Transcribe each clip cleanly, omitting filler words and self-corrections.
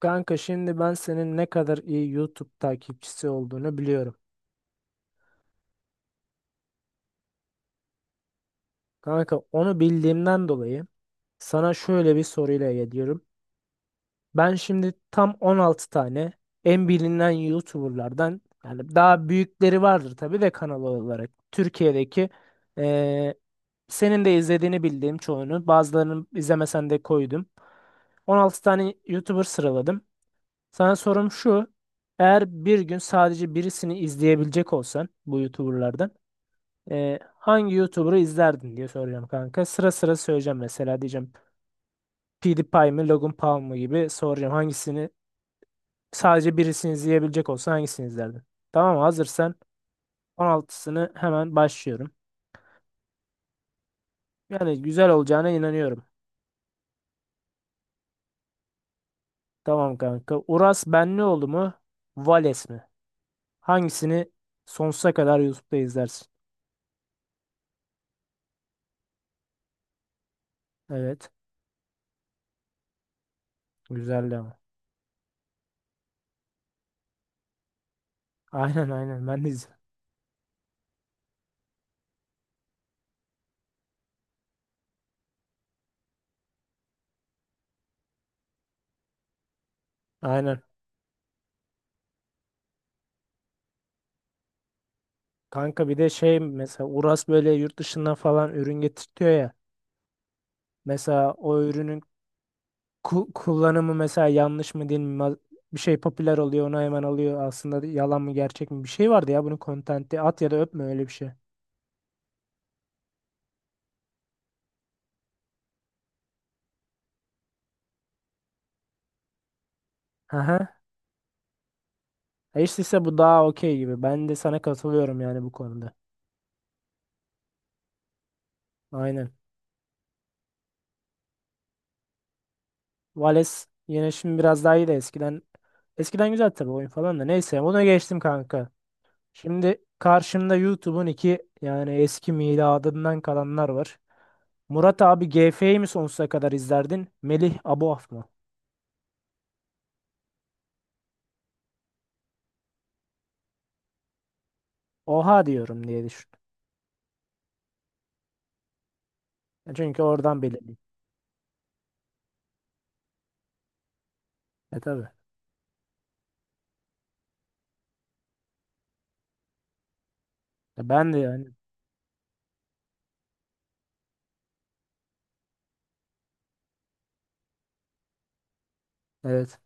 Kanka şimdi ben senin ne kadar iyi YouTube takipçisi olduğunu biliyorum. Kanka onu bildiğimden dolayı sana şöyle bir soruyla geliyorum. Ben şimdi tam 16 tane en bilinen YouTuber'lardan yani daha büyükleri vardır tabii de kanal olarak. Türkiye'deki eee, senin de izlediğini bildiğim çoğunu bazılarını izlemesen de koydum. 16 tane YouTuber sıraladım. Sana sorum şu. Eğer bir gün sadece birisini izleyebilecek olsan bu YouTuber'lardan hangi YouTuber'ı izlerdin diye soracağım kanka. Sıra sıra söyleyeceğim, mesela diyeceğim PewDiePie mi Logan Paul mu gibi soracağım, hangisini sadece birisini izleyebilecek olsan hangisini izlerdin? Tamam, hazırsan 16'sını hemen başlıyorum. Yani güzel olacağına inanıyorum. Tamam kanka. Uras Benlioğlu mu? Vales mi? Hangisini sonsuza kadar YouTube'da izlersin? Evet. Güzeldi ama. Aynen aynen ben de izledim. Aynen. Kanka bir de şey, mesela Uras böyle yurt dışından falan ürün getirtiyor ya. Mesela o ürünün kullanımı mesela yanlış mı değil mi? Bir şey popüler oluyor, onu hemen alıyor. Aslında yalan mı gerçek mi? Bir şey vardı ya, bunun kontenti at ya da öpme, öyle bir şey. Aha. E işte ise bu daha okey gibi. Ben de sana katılıyorum yani bu konuda. Aynen. Vales yine şimdi biraz daha iyi de eskiden, eskiden güzel tabii, oyun falan da. Neyse, ona geçtim kanka. Şimdi karşımda YouTube'un iki yani eski miladından kalanlar var. Murat abi GF'yi mi sonsuza kadar izlerdin? Melih Aboaf mı? Oha diyorum diye düşün. Ya çünkü oradan belirli. E tabii. Ya ben de yani evet,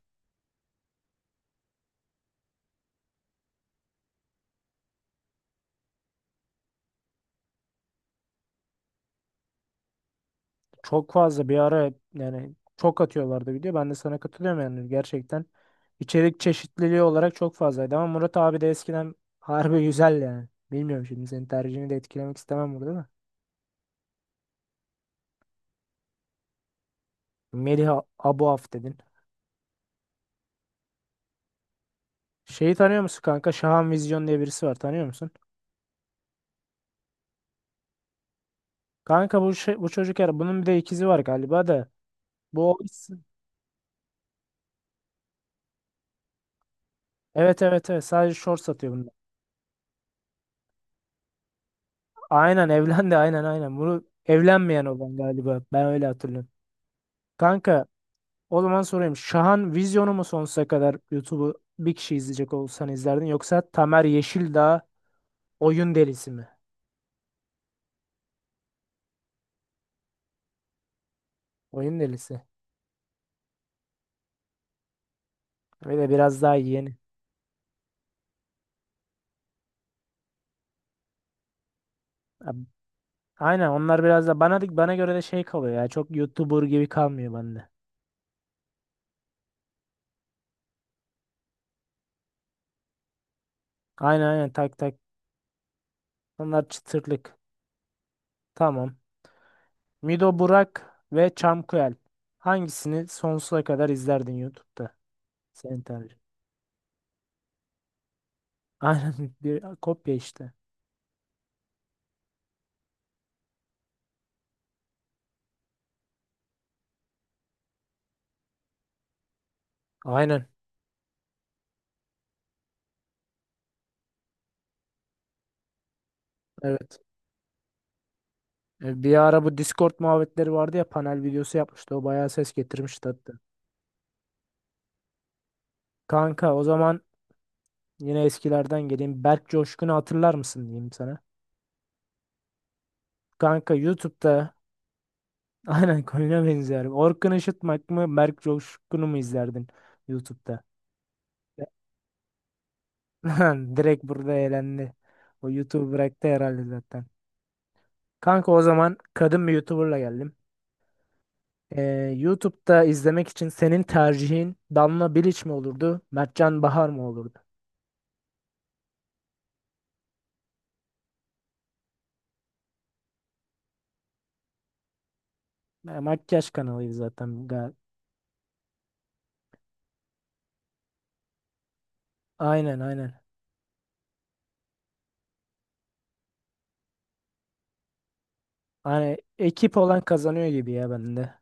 çok fazla bir ara yani çok atıyorlardı video. Ben de sana katılıyorum yani gerçekten. İçerik çeşitliliği olarak çok fazlaydı ama Murat abi de eskiden harbi güzel yani. Bilmiyorum, şimdi senin tercihini de etkilemek istemem burada da. Melih Aboaf dedin. Şeyi tanıyor musun kanka? Şahan Vizyon diye birisi var, tanıyor musun? Kanka bu şey, bu çocuk her bunun bir de ikizi var galiba da. Bu o isim- Evet evet evet, sadece short satıyor bunda. Aynen evlendi, aynen aynen. Bunu evlenmeyen olan galiba. Ben öyle hatırlıyorum. Kanka o zaman sorayım. Şahan Vizyon'u mu sonsuza kadar YouTube'u, bir kişi izleyecek olsan izlerdin, yoksa Tamer Yeşildağ oyun delisi mi? Oyun delisi. Ve de biraz daha yeni. Ab- Aynen, onlar biraz da bana göre de şey kalıyor ya. Çok YouTuber gibi kalmıyor bende. Aynen aynen, tak tak. Onlar çıtırlık. Tamam. Mido Burak ve Çamkuel. Hangisini sonsuza kadar izlerdin YouTube'da? Senin tercihin aynen bir kopya işte. Aynen. Evet. Bir ara bu Discord muhabbetleri vardı ya, panel videosu yapmıştı. O bayağı ses getirmişti hatta. Kanka o zaman yine eskilerden geleyim. Berk Coşkun'u hatırlar mısın diyeyim sana. Kanka YouTube'da aynen konuya benziyorum. Orkun Işıtmak mı Berk Coşkun'u mu izlerdin YouTube'da? Direkt burada eğlendi. O YouTube bıraktı herhalde zaten. Kanka o zaman kadın bir YouTuber'la geldim. YouTube'da izlemek için senin tercihin Damla Bilic mi olurdu, Mertcan Bahar mı olurdu? Ya, makyaj kanalıydı zaten. Aynen aynen. Hani ekip olan kazanıyor gibi ya bende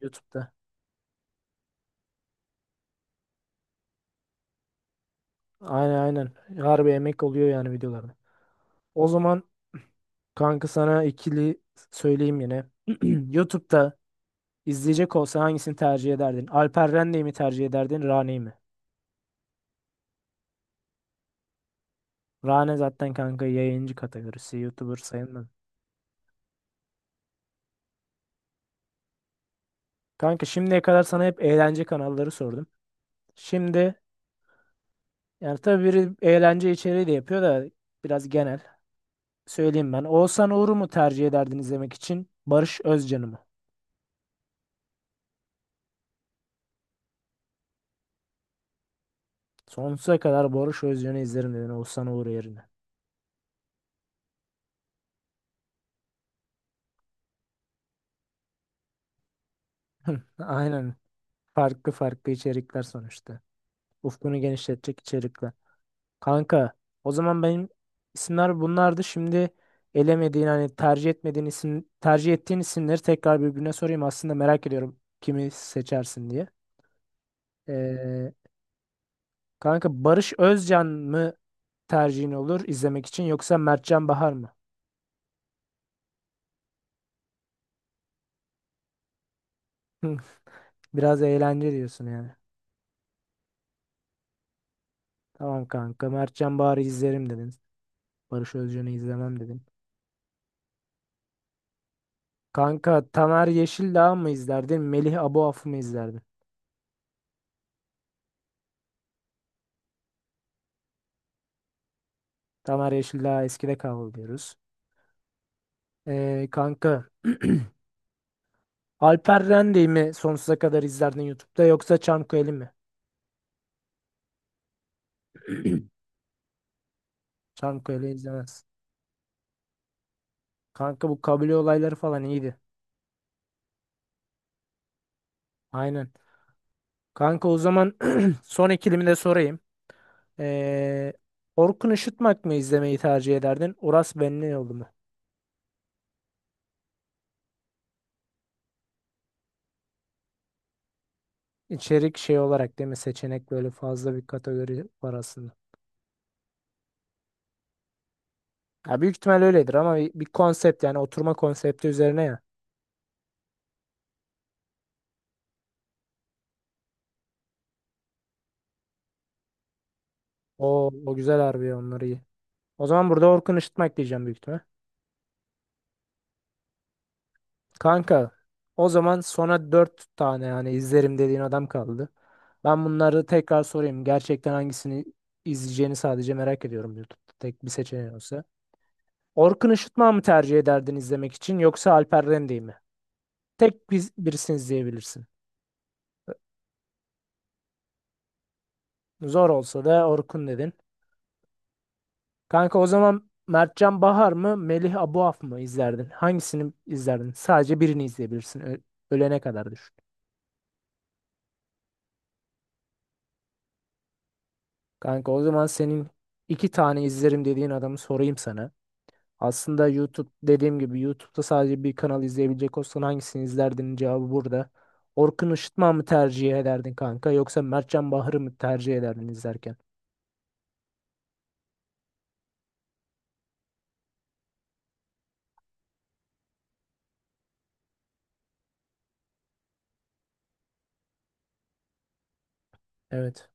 YouTube'da. Aynen aynen. Harbi emek oluyor yani videolarda. O zaman kanka sana ikili söyleyeyim yine. YouTube'da İzleyecek olsa hangisini tercih ederdin? Alper Rende'yi mi tercih ederdin, Rane'yi mi? Rane zaten kanka yayıncı kategorisi. YouTuber sayılmaz. Kanka şimdiye kadar sana hep eğlence kanalları sordum. Şimdi yani tabii biri eğlence içeriği de yapıyor da biraz genel. Söyleyeyim ben. Oğuzhan Uğur'u mu tercih ederdin izlemek için, Barış Özcan'ı mı? Sonsuza kadar Barış Özcan'ı izlerim dedin, Oğuzhan Uğur yerine. Aynen. Farklı farklı içerikler sonuçta. Ufkunu genişletecek içerikler. Kanka o zaman benim isimler bunlardı. Şimdi elemediğin hani tercih etmediğin isim, tercih ettiğin isimleri tekrar birbirine sorayım. Aslında merak ediyorum kimi seçersin diye. Ee, kanka Barış Özcan mı tercihin olur izlemek için, yoksa Mertcan Bahar mı? Biraz eğlence diyorsun yani. Tamam kanka, Mertcan Bahar'ı izlerim dedin. Barış Özcan'ı izlemem dedin. Kanka Tamer Yeşildağ mı izlerdin, Melih Aboaf'ı mı izlerdin? Tamer Yeşildağ eskide kaldı diyoruz. Kanka Alper Rende'yi mi sonsuza kadar izlerdin YouTube'da, yoksa Çanköy'ü mi? Çanköy'ü izlemez. Kanka bu kabile olayları falan iyiydi. Aynen. Kanka o zaman son ikilimi de sorayım. Ee, Orkun Işıtmak mı izlemeyi tercih ederdin, Uras Benlioğlu mu? İçerik şey olarak değil mi? Seçenek böyle fazla bir kategori var aslında. Ya büyük ihtimal öyledir ama bir konsept yani, oturma konsepti üzerine ya. O güzel harbi, onları iyi. O zaman burada Orkun Işıtmak diyeceğim büyük ihtimal. Kanka o zaman sona 4 tane yani izlerim dediğin adam kaldı. Ben bunları tekrar sorayım. Gerçekten hangisini izleyeceğini sadece merak ediyorum, YouTube'da tek bir seçeneğin olsa. Orkun Işıtma mı tercih ederdin izlemek için, yoksa Alper Rende'yi mi? Birisini izleyebilirsin. Zor olsa da Orkun dedin. Kanka o zaman Mertcan Bahar mı Melih Abuaf mı izlerdin? Hangisini izlerdin? Sadece birini izleyebilirsin. Ölene kadar düşün. Kanka o zaman senin iki tane izlerim dediğin adamı sorayım sana. Aslında YouTube dediğim gibi, YouTube'da sadece bir kanal izleyebilecek olsan hangisini izlerdin, cevabı burada. Orkun Işıtma mı tercih ederdin kanka, yoksa Mertcan Bahar'ı mı tercih ederdin izlerken? Evet.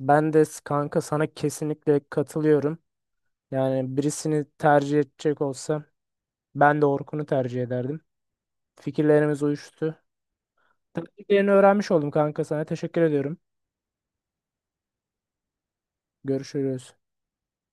Kanka sana kesinlikle katılıyorum. Yani birisini tercih edecek olsam ben de Orkun'u tercih ederdim. Fikirlerimiz uyuştu. Tercihlerini öğrenmiş oldum kanka, sana teşekkür ediyorum. Görüşürüz.